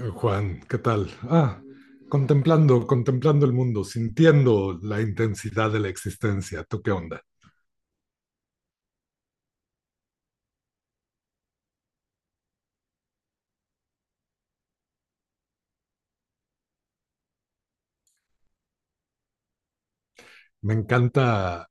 Juan, ¿qué tal? Contemplando el mundo, sintiendo la intensidad de la existencia. ¿Tú qué onda? Me encanta,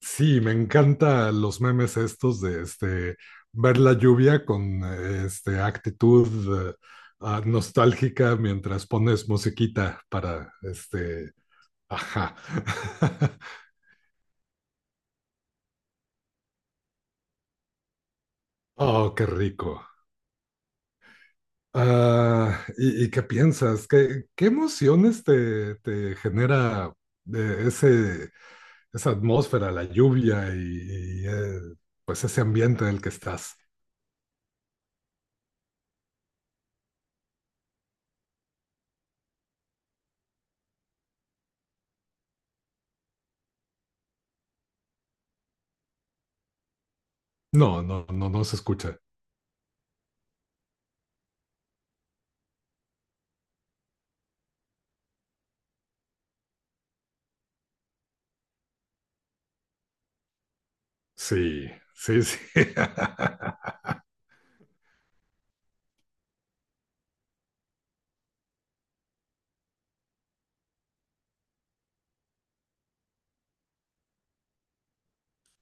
sí, me encanta los memes estos ver la lluvia con actitud nostálgica mientras pones musiquita ajá. Oh, qué rico. ¿Y qué piensas? ¿Qué emociones te genera eh, ese, esa atmósfera, la lluvia y pues ese ambiente en el que estás? No, no se escucha. Sí, sí, sí.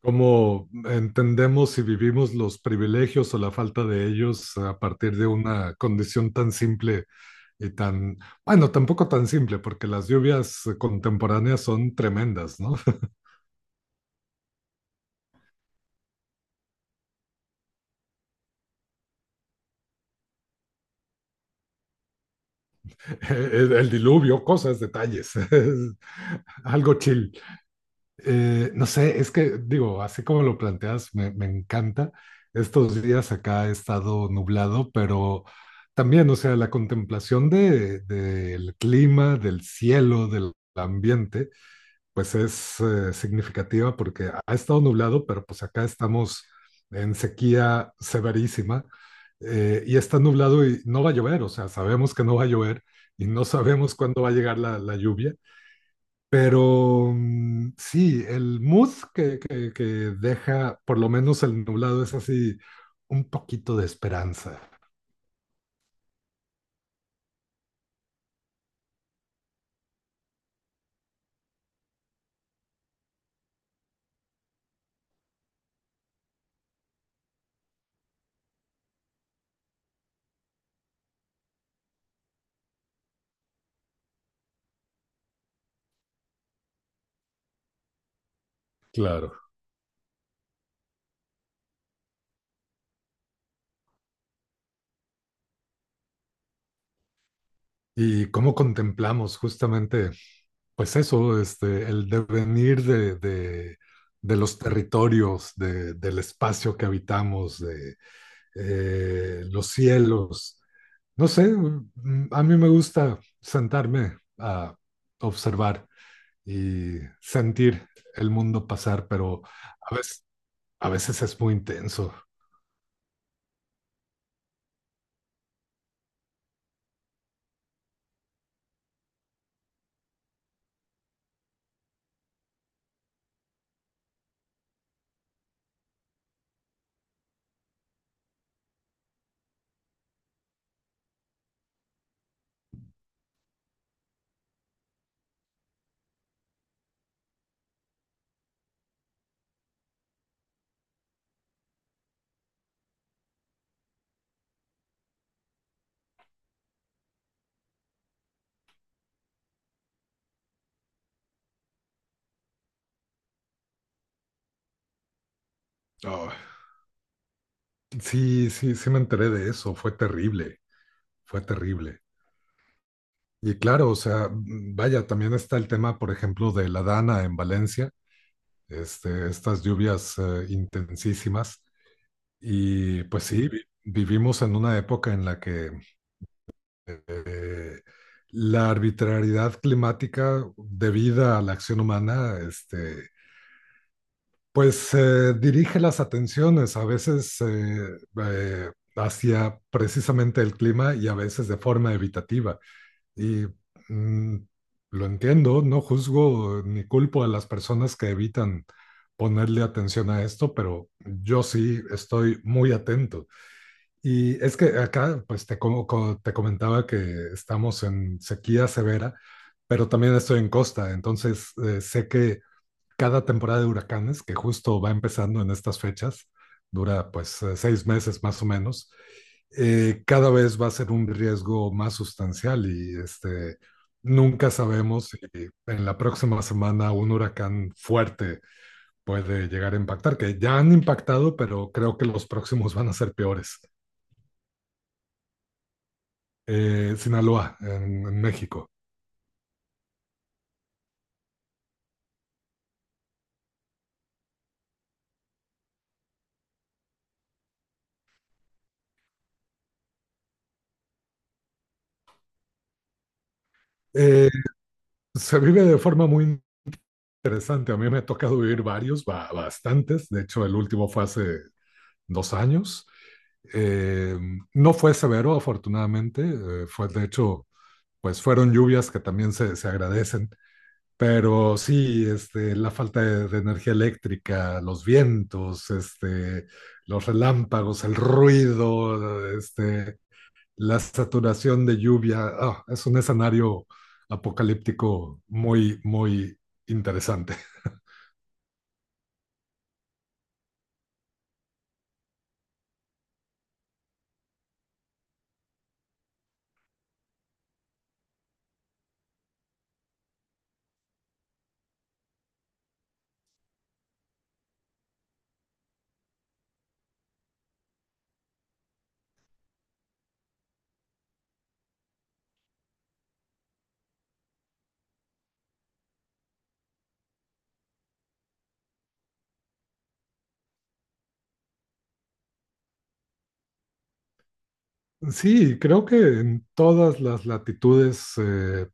¿Cómo entendemos y vivimos los privilegios o la falta de ellos a partir de una condición tan simple y tan, bueno, tampoco tan simple, porque las lluvias contemporáneas son tremendas, ¿no? El diluvio, cosas, detalles, algo chill. No sé, es que digo, así como lo planteas, me encanta. Estos días acá ha estado nublado, pero también, o sea, la contemplación del clima, del cielo, del ambiente, pues es significativa porque ha estado nublado, pero pues acá estamos en sequía severísima y está nublado y no va a llover, o sea, sabemos que no va a llover y no sabemos cuándo va a llegar la lluvia, pero sí, el mood que deja por lo menos el nublado es así un poquito de esperanza. Claro. Y cómo contemplamos justamente pues eso, este, el devenir de los territorios, del espacio que habitamos, de los cielos. No sé, a mí me gusta sentarme a observar y sentir el mundo pasar, pero a veces, a veces es muy intenso. Oh, sí, sí, sí me enteré de eso, fue terrible, fue terrible. Y claro, o sea, vaya, también está el tema, por ejemplo, de la Dana en Valencia, este, estas lluvias intensísimas. Y pues sí, vivimos en una época en la que eh, la arbitrariedad climática debida a la acción humana, este, pues dirige las atenciones a veces eh, hacia precisamente el clima y a veces de forma evitativa. Y mm, lo entiendo, no juzgo ni culpo a las personas que evitan ponerle atención a esto, pero yo sí estoy muy atento. Y es que acá, pues te, te comentaba que estamos en sequía severa, pero también estoy en costa, entonces sé que cada temporada de huracanes, que justo va empezando en estas fechas, dura pues 6 meses más o menos, cada vez va a ser un riesgo más sustancial y este, nunca sabemos si en la próxima semana un huracán fuerte puede llegar a impactar, que ya han impactado, pero creo que los próximos van a ser peores. Sinaloa, en México. Eh, se vive de forma muy interesante. A mí me ha tocado vivir varios, ba bastantes. De hecho, el último fue hace 2 años. Eh, no fue severo, afortunadamente, fue de hecho, pues fueron lluvias que también se agradecen, pero sí, este, la falta de energía eléctrica, los vientos, este, los relámpagos, el ruido, este, la saturación de lluvia, ah, es un escenario apocalíptico muy, muy interesante. Sí, creo que en todas las latitudes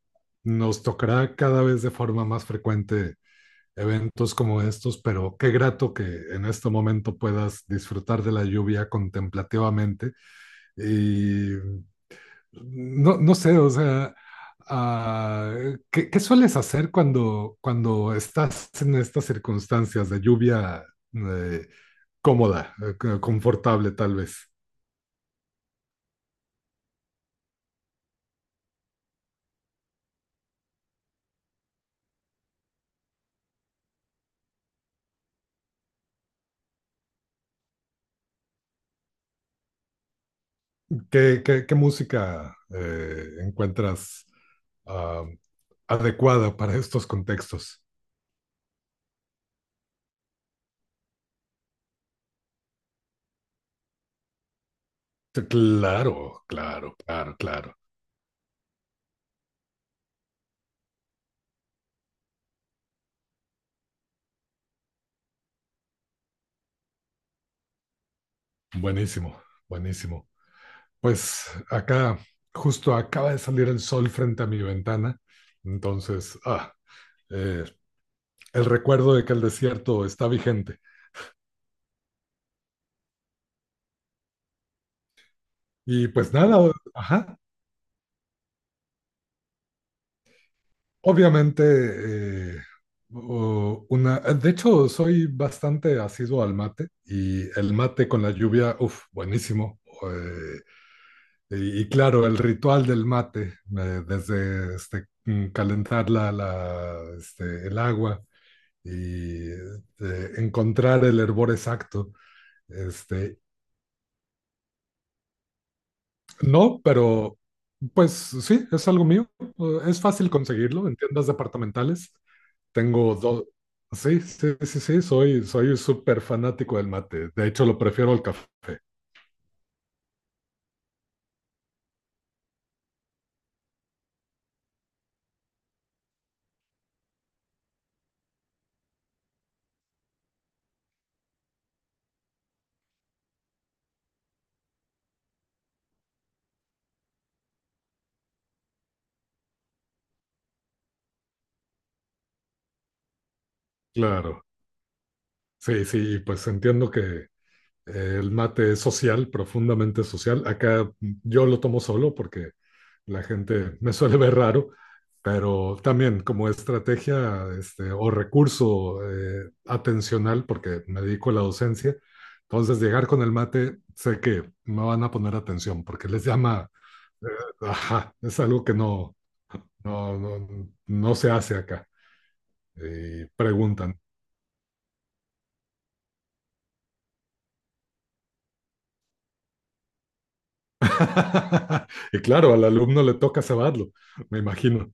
nos tocará cada vez de forma más frecuente eventos como estos, pero qué grato que en este momento puedas disfrutar de la lluvia contemplativamente. Y no, no sé, o sea, ah, ¿qué sueles hacer cuando, cuando estás en estas circunstancias de lluvia eh, cómoda, confortable tal vez? ¿Qué música encuentras ah, adecuada para estos contextos? Sí, claro, claro, claro, claro. Buenísimo, buenísimo. Pues acá justo acaba de salir el sol frente a mi ventana, entonces, eh, el recuerdo de que el desierto está vigente. Y pues nada, ajá, obviamente, eh, una, de hecho, soy bastante asiduo al mate y el mate con la lluvia, uff, buenísimo. Y claro, el ritual del mate, desde este, calentar este, el agua y encontrar el hervor exacto. Este, no, pero pues sí, es algo mío. Es fácil conseguirlo en tiendas departamentales. Tengo dos. Sí, sí, soy súper fanático del mate. De hecho, lo prefiero al café. Claro. Sí, sí, y pues entiendo que el mate es social, profundamente social. Acá yo lo tomo solo porque la gente me suele ver raro, pero también como estrategia este, o recurso atencional, porque me dedico a la docencia. Entonces, llegar con el mate, sé que me van a poner atención porque les llama, eh, ajá, es algo que no. No, no, no se hace acá. Y preguntan. Y claro, al alumno le toca cebarlo, me imagino.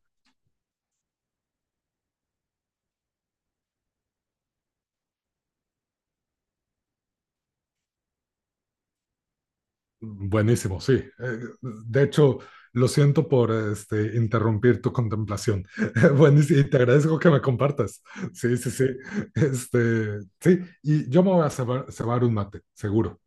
Buenísimo, sí. De hecho, lo siento por este, interrumpir tu contemplación. Buenísimo, y te agradezco que me compartas. Sí, sí, sí. Este, sí, y yo me voy a cebar, cebar un mate, seguro.